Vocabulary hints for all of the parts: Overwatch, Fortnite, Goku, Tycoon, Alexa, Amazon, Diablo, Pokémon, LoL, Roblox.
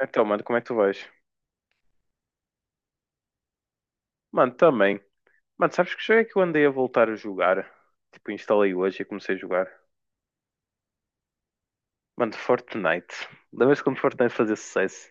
Então, mano, como é que tu vais? Mano, também. Mano, sabes que jogo é que eu andei a voltar a jogar? Tipo, instalei hoje e comecei a jogar. Mano, Fortnite. Lembras quando Fortnite fazia sucesso?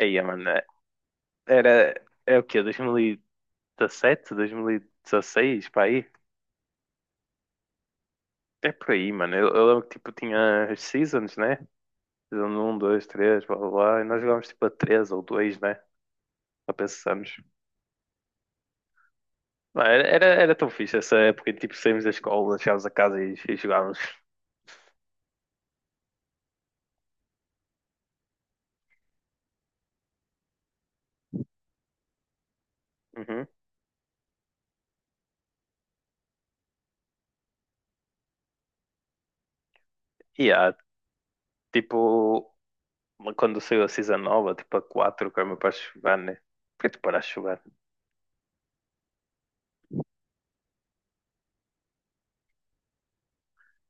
Aí, mano, era. É o quê? 2017? 2016? Para aí? É por aí, mano. Eu lembro que, tipo, tinha as seasons, né? Season um, 2, 3, blá, blá, blá. E nós jogávamos, tipo, a 3 ou 2, né? Só pensamos. Mano, era tão fixe essa época. Tipo, saímos da escola, chegávamos a casa e jogávamos. Uhum. E, tipo, quando saiu a Season nova, tipo a 4 que era meu para jogar, né? Por que tu paraste de jogar?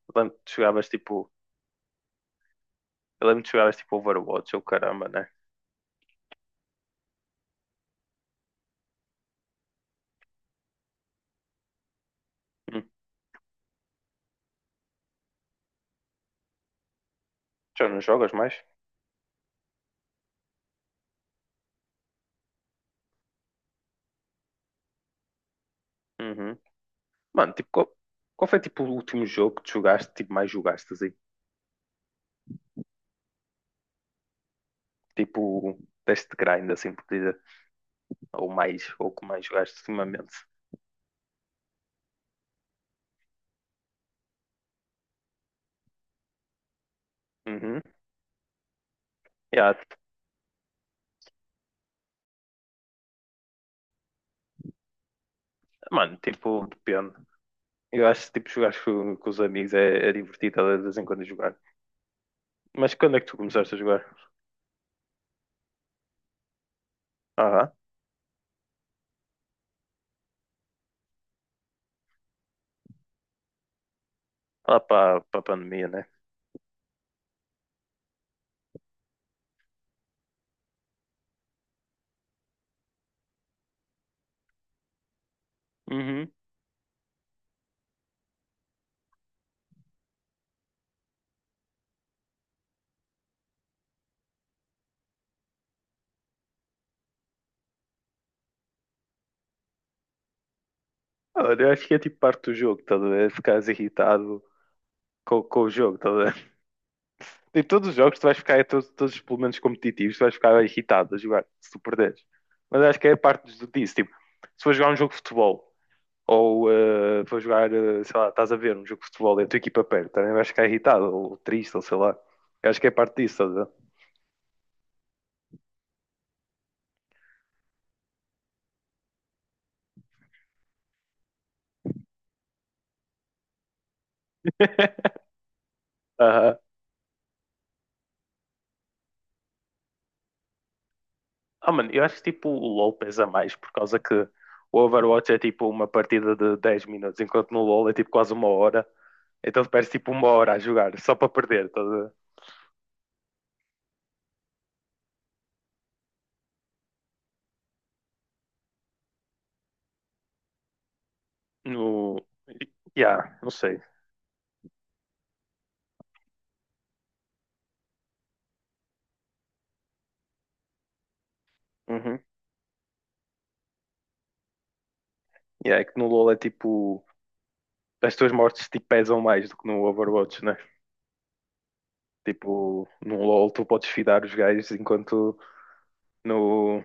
Eu lembro que tu jogavas tipo. Eu lembro que tu jogavas tipo Overwatch ou caramba, né? Hum. Já não jogas mais? Uhum. Mano, tipo, qual foi tipo o último jogo que tu jogaste, tipo, mais jogaste, assim? Tipo, deste grind, assim, por dizer. Ou mais, ou que mais jogaste ultimamente. Uhum. Yeah. Mano, tipo, depende. Eu acho que tipo, jogar com os amigos é divertido de vez em quando jogar. Mas quando é que tu começaste a jogar? Lá para a pandemia, né? Uhum. Olha, eu acho que é tipo parte do jogo, tá a ver? Ficares irritado com o jogo, tá a ver? Tipo, todos os jogos tu vais ficar, todos os elementos competitivos, tu vais ficar irritado a jogar, se tu perderes. Mas acho que é parte disso, tipo, se for jogar um jogo de futebol, ou for jogar, sei lá, estás a ver um jogo de futebol e a tua equipa perde, também vais ficar irritado, ou triste, ou sei lá. Eu acho que é parte disso, estás a ver? Ah, mano, eu acho que tipo o LoL pesa mais, por causa que o Overwatch é tipo uma partida de 10 minutos, enquanto no LoL é tipo quase uma hora. Então tu perdes tipo uma hora a jogar, só para perder. Tá a ver? No. Yeah, não sei. Uhum. Yeah, é que no LoL é tipo. As tuas mortes tipo, pesam mais do que no Overwatch, né? Tipo, no LoL tu podes fidar os gajos, enquanto no,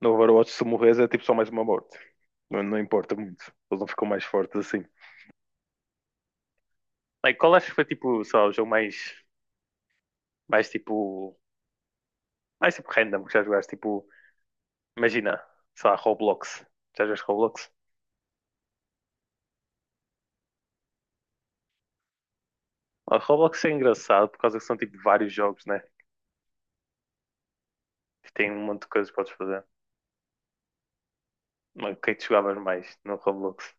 no Overwatch se morres é tipo só mais uma morte. Não, não importa muito. Eles não ficam mais fortes assim. Like, qual acho que foi tipo, sei lá, o jogo mais mais tipo. Mais tipo random que já jogaste. Tipo, imagina, sei lá, Roblox. Já jogaste Roblox? Ah, Roblox é engraçado por causa que são tipo vários jogos, né? Tem um monte de coisas que podes fazer. Mas o que é que tu jogavas mais no Roblox?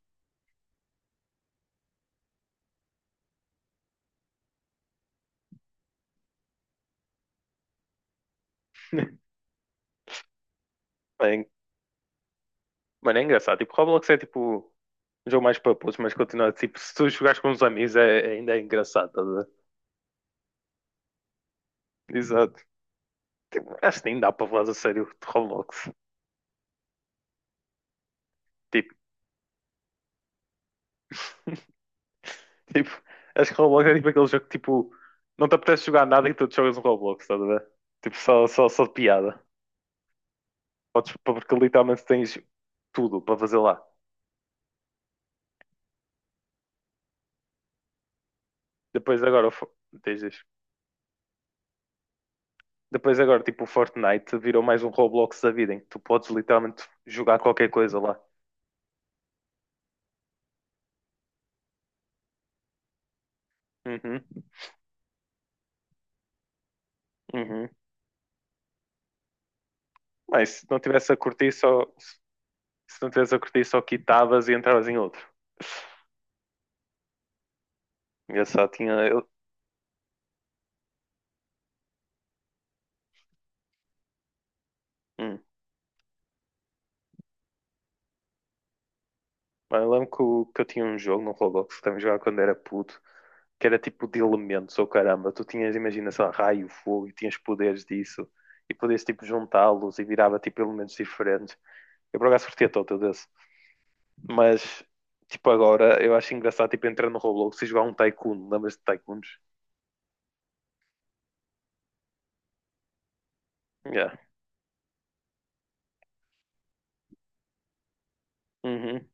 Bem, mano, é engraçado. Tipo, Roblox é tipo um jogo mais para putos, mas continua tipo, se tu jogares com uns amigos ainda é engraçado, estás a ver? Exato. Tipo, acho que nem dá para falar a sério de Roblox. Tipo, tipo, acho que Roblox é tipo aquele jogo que tipo, não te apetece jogar nada e tu te jogas um Roblox, estás a ver? Tipo, só de piada. Podes, porque literalmente tens tudo para fazer lá. Depois agora, tens isso. Depois agora, tipo, o Fortnite virou mais um Roblox da vida em que tu podes literalmente jogar qualquer coisa lá. Uhum, uhum. Mas se não tivesse a curtir só, Se não tivesse a curtir só quitavas e entravas em outro. Eu só tinha eu, hum. Mas eu lembro que, que eu tinha um jogo no Roblox que também jogava quando era puto. Que era tipo de elementos, ou caramba, tu tinhas, imagina, sei lá, raio, fogo, e tinhas poderes disso, e podias tipo juntá-los e virava tipo elementos diferentes. Eu por acaso curtia todo desse, mas tipo agora eu acho engraçado tipo entrar no Roblox e jogar um Tycoon, lembras de Tycoons? Yeah. Uhum,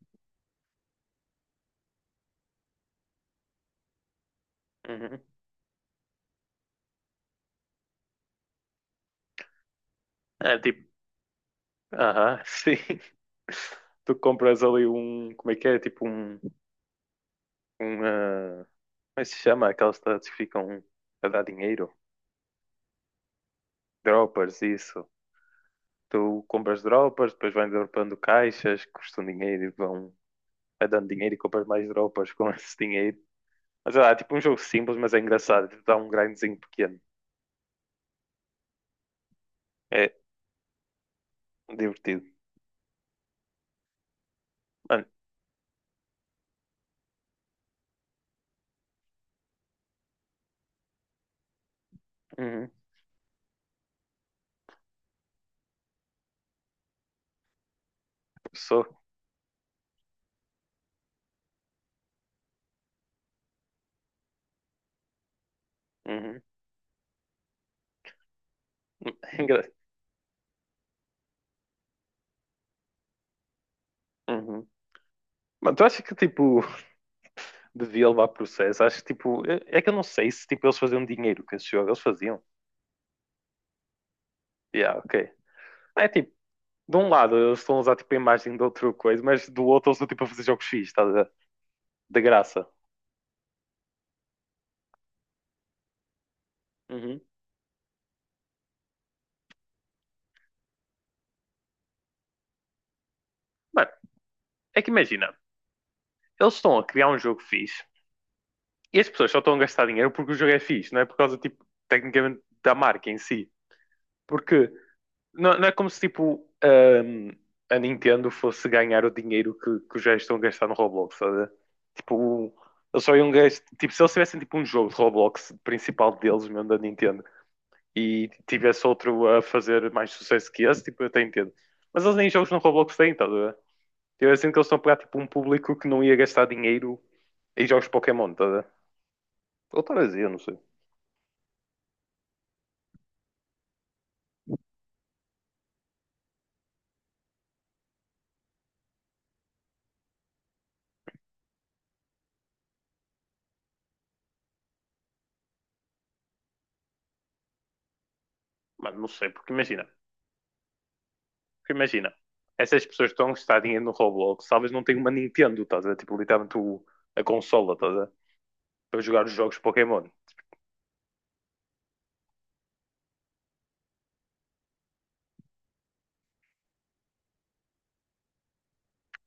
uhum. É tipo, aham, sim. Tu compras ali um, como é que é? Tipo um, como é que se chama? Aquelas cidades que ficam a dar dinheiro, droppers, isso. Tu compras dropas, depois vais dropando caixas, que custam dinheiro e vão vai dando dinheiro e compras mais dropas com esse dinheiro. Mas sei lá, é tipo um jogo simples, mas é engraçado. Tipo, dá um grindzinho pequeno. É divertido. Mano, uhum, sou. Uhum, é engra- uhum. Mano, tu achas que tipo devia levar processo? Acho que tipo. É que eu não sei se tipo eles faziam dinheiro com esse jogo. Eles faziam. Yeah, ok. É tipo, de um lado eles estão a usar tipo a imagem de outra coisa, mas do outro eles estão tipo a fazer jogos fixos, tá? De graça. Uhum. Mano, é que imagina. Eles estão a criar um jogo fixe e as pessoas só estão a gastar dinheiro porque o jogo é fixe, não é por causa, tipo, tecnicamente da marca em si. Porque não é como se, tipo, a Nintendo fosse ganhar o dinheiro que os gajos estão a gastar no Roblox, sabe? Tipo, eles só iam gastar. Tipo, se eles tivessem, tipo, um jogo de Roblox principal deles, mesmo da Nintendo, e tivesse outro a fazer mais sucesso que esse, tipo, eu até entendo. Mas eles nem jogos no Roblox têm, tá a ver? Eu sinto que eles estão a pegar, tipo, um público que não ia gastar dinheiro em jogos Pokémon, tá a ver? Ou Tarazia, não sei. Mas não sei, porque imagina, essas pessoas que estão a gastar dinheiro no Roblox, talvez não tenham uma Nintendo, estás a ver? Tipo, literalmente a consola, estás a ver? Para jogar os jogos Pokémon.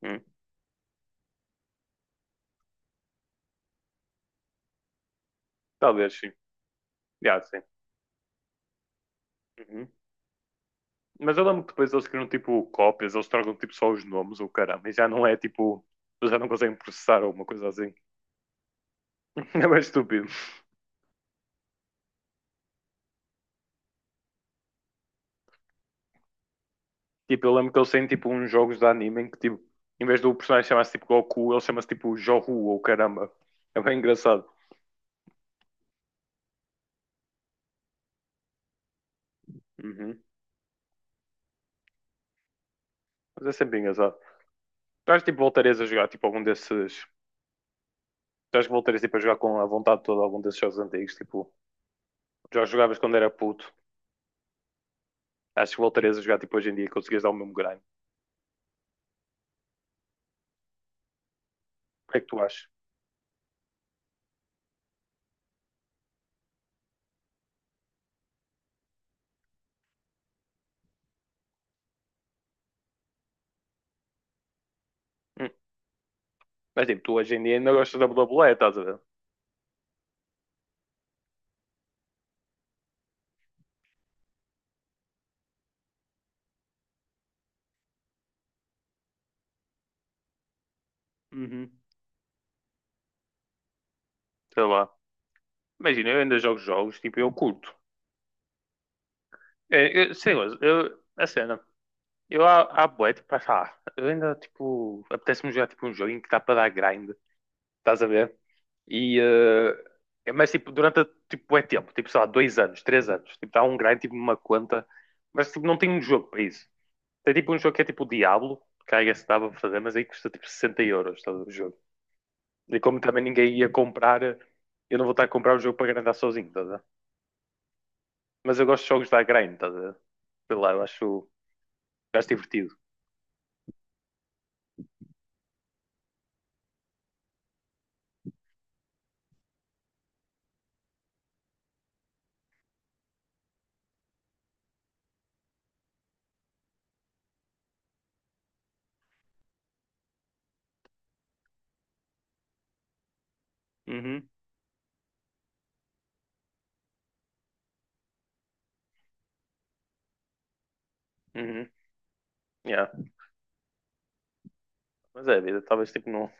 Hum. Talvez, sim. Já, sim. Uhum. Mas eu lembro que depois eles criam, tipo, cópias, eles trocam, tipo, só os nomes, ou caramba, e já não é, tipo, eles já não conseguem processar alguma coisa assim. É mais estúpido. Tipo, eu lembro que eles têm, tipo, uns jogos de anime em que, tipo, em vez do personagem chamar-se, tipo, Goku, ele chama-se, tipo, Johu, ou caramba. É bem engraçado. Uhum. Mas é sempre engraçado. Tu acho tipo, voltarias a jogar tipo, algum desses. Tu acho que voltarias tipo, a jogar com a vontade toda algum desses jogos antigos? Tipo, já jogavas quando era puto. Acho que voltarias a jogar tipo, hoje em dia e conseguias dar o mesmo grind. O que é que tu achas? Hum. Mas tipo, tu hoje em dia ainda gostas da WWE, estás a ver? Uhum. Sei lá. Imagina, eu ainda jogo jogos, tipo, eu curto. É, eu, sei lá, eu, a cena. Eu há bué, tipo, acho, eu ainda, tipo, apetece-me jogar, tipo, um jogo em que dá para dar grind. Estás a ver? E, mas tipo, tipo, é tempo, tipo, sei lá, 2 anos, 3 anos, tipo, dá um grind, tipo, numa conta, mas tipo, não tem um jogo para isso. Tem tipo um jogo que é tipo o Diablo, que aí se dava para fazer, mas aí custa tipo 60 euros todo o jogo. E como também ninguém ia comprar, eu não vou estar a comprar o jogo para grindar sozinho, estás a ver? Mas eu gosto de jogos da grind, estás a ver? Sei lá, eu acho divertido. Uhum, uhum, yeah. Mas é, a vida, talvez tipo não,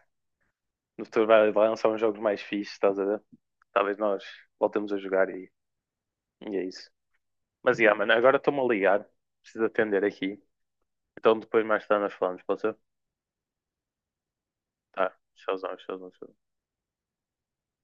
no futuro vai lançar uns jogos mais fixes, estás a ver? Talvez nós voltemos a jogar e é isso. Mas, yeah, mano, agora estou-me a ligar. Preciso atender aqui. Então depois mais tarde nós falamos, pode ser? Tá, tchauzão, tchauzão, tchauzão.